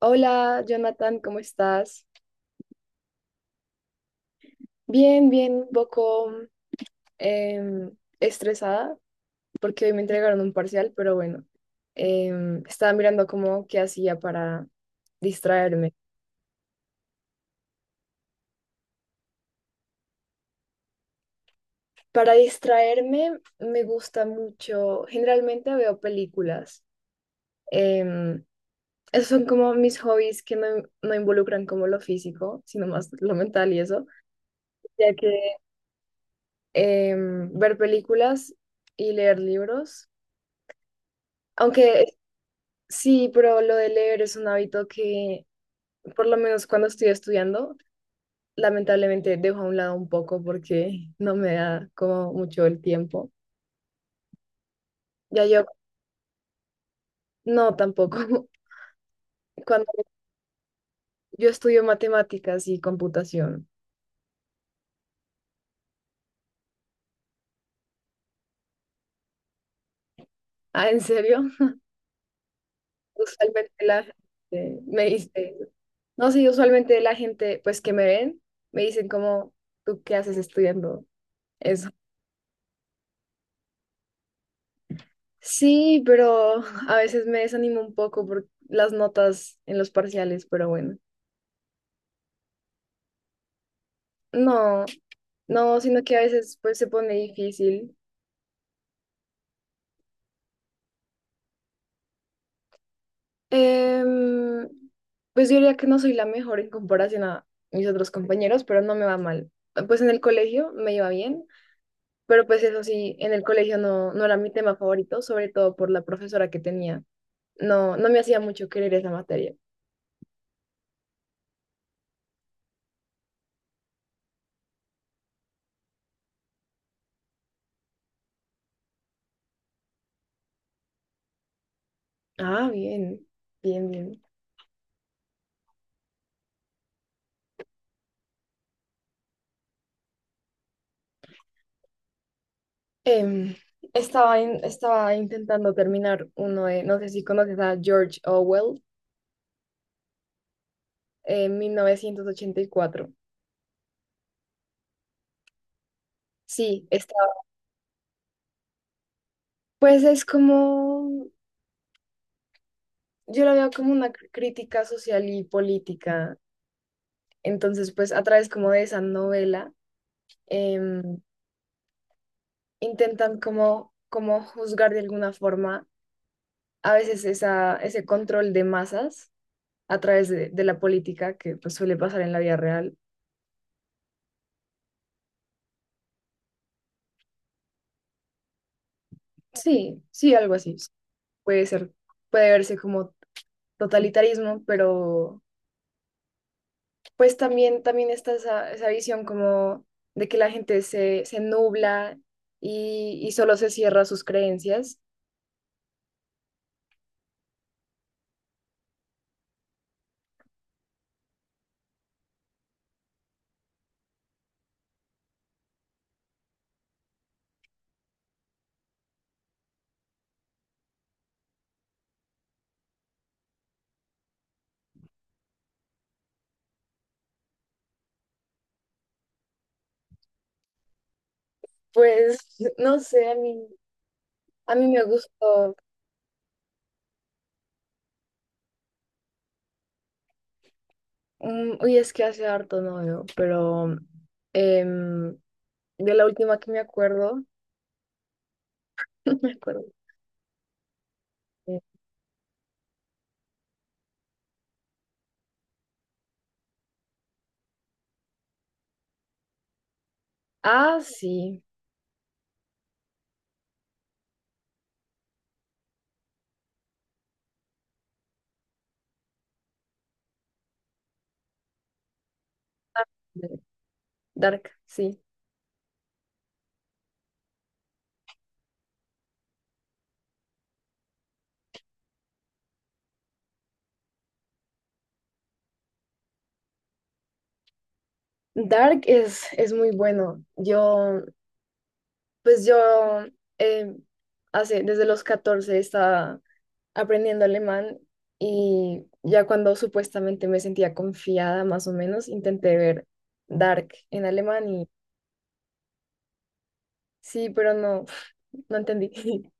Hola, Jonathan, ¿cómo estás? Bien, bien, un poco estresada porque hoy me entregaron un parcial, pero bueno, estaba mirando cómo qué hacía para distraerme. Para distraerme me gusta mucho, generalmente veo películas. em, Esos son como mis hobbies que no involucran como lo físico, sino más lo mental y eso, ya que ver películas y leer libros. Aunque. Sí, pero lo de leer es un hábito que, por lo menos cuando estoy estudiando, lamentablemente dejo a un lado un poco porque no me da como mucho el tiempo. Ya yo, no, tampoco. Cuando Yo estudio matemáticas y computación. Ah, ¿en serio? Usualmente la gente me dice, no, sí, usualmente la gente, pues que me ven, me dicen como, ¿tú qué haces estudiando eso? Sí, pero a veces me desanimo un poco por las notas en los parciales, pero bueno. No, no, sino que a veces pues se pone difícil. Em, pues yo diría que no soy la mejor en comparación a mis otros compañeros, pero no me va mal. Pues en el colegio me iba bien, pero pues eso sí, en el colegio no era mi tema favorito, sobre todo por la profesora que tenía. No, no me hacía mucho querer esa materia. Ah, bien, bien, bien. Em, estaba intentando terminar uno de, no sé si conoces a George Orwell, en 1984. Sí, está. Pues es como, yo lo veo como una crítica social y política. Entonces, pues a través como de esa novela, em, intentan como juzgar de alguna forma a veces ese control de masas a través de la política que pues suele pasar en la vida real. Sí, sí, algo así. Puede ser, puede verse como totalitarismo, pero pues también está esa visión como de que la gente se nubla y solo se cierra a sus creencias. Pues no sé, a mí me gustó, uy, es que hace harto no veo, pero em, de la última que me acuerdo, no me acuerdo. eh, Ah, sí. Dark es muy bueno. Pues yo, em, desde los 14 estaba aprendiendo alemán y ya cuando supuestamente me sentía confiada más o menos, intenté ver Dark en alemán y sí, pero no, no entendí.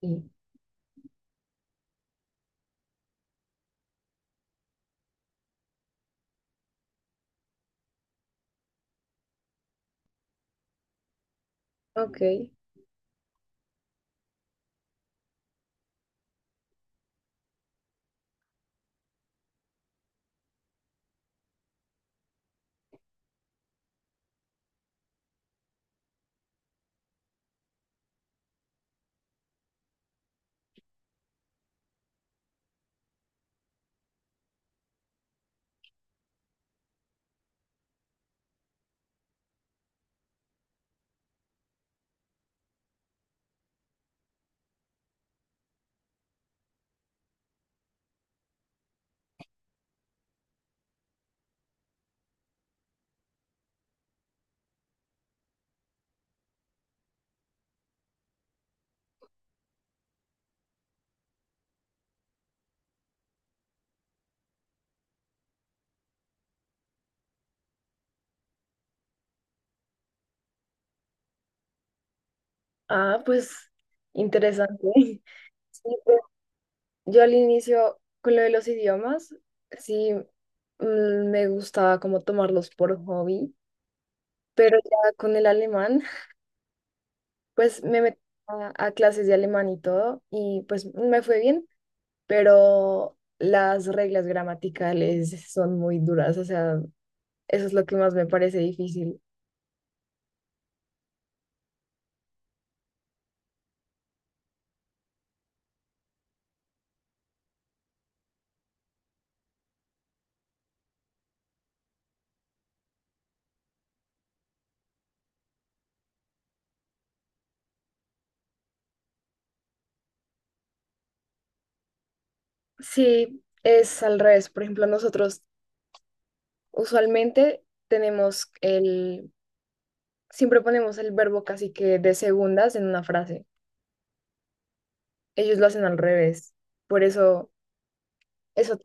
Y, Ok, ah, pues interesante. Sí, pues, yo al inicio con lo de los idiomas, sí, me gustaba como tomarlos por hobby, pero ya con el alemán, pues me metí a clases de alemán y todo y pues me fue bien, pero las reglas gramaticales son muy duras, o sea, eso es lo que más me parece difícil. Sí, es al revés, por ejemplo, nosotros usualmente siempre ponemos el verbo casi que de segundas en una frase, ellos lo hacen al revés, por eso, eso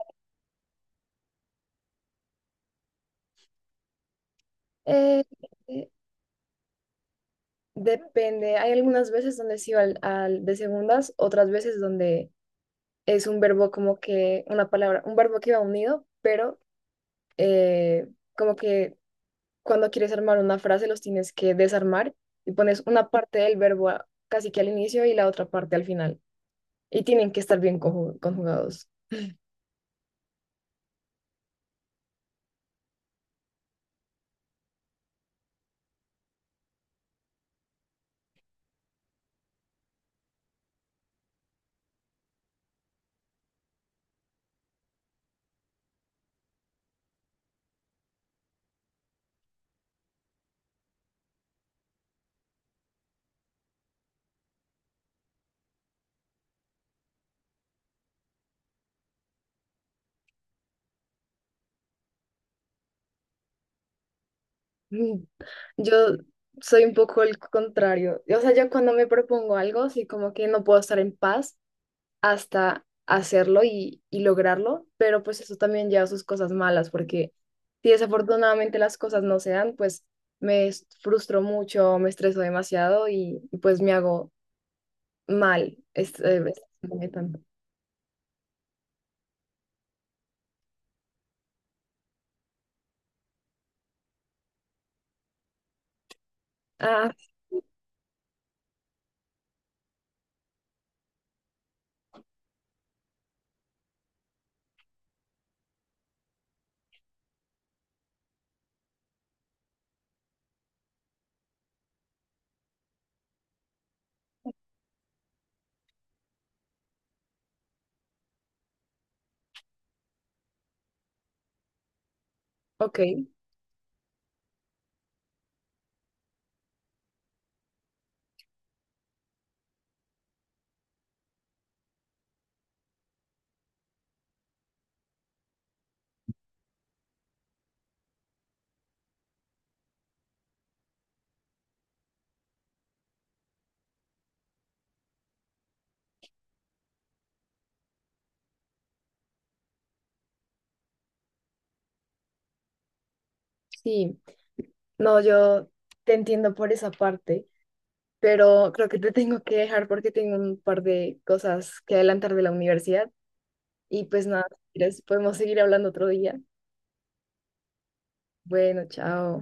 eh, eh, depende, hay algunas veces donde sí va al de segundas, otras veces donde es un verbo como que una palabra, un verbo que va unido, pero eh, como que cuando quieres armar una frase los tienes que desarmar y pones una parte del verbo casi que al inicio y la otra parte al final. Y tienen que estar bien conjugados. Mm, Yo soy un poco el contrario. O sea, yo cuando me propongo algo, sí como que no puedo estar en paz hasta hacerlo y lograrlo, pero pues eso también lleva sus cosas malas, porque si desafortunadamente las cosas no se dan, pues me frustro mucho, me estreso demasiado y pues me hago mal. Ah, ok, sí. No, yo te entiendo por esa parte, pero creo que te tengo que dejar porque tengo un par de cosas que adelantar de la universidad. Y pues nada, si quieres, podemos seguir hablando otro día. Bueno, chao.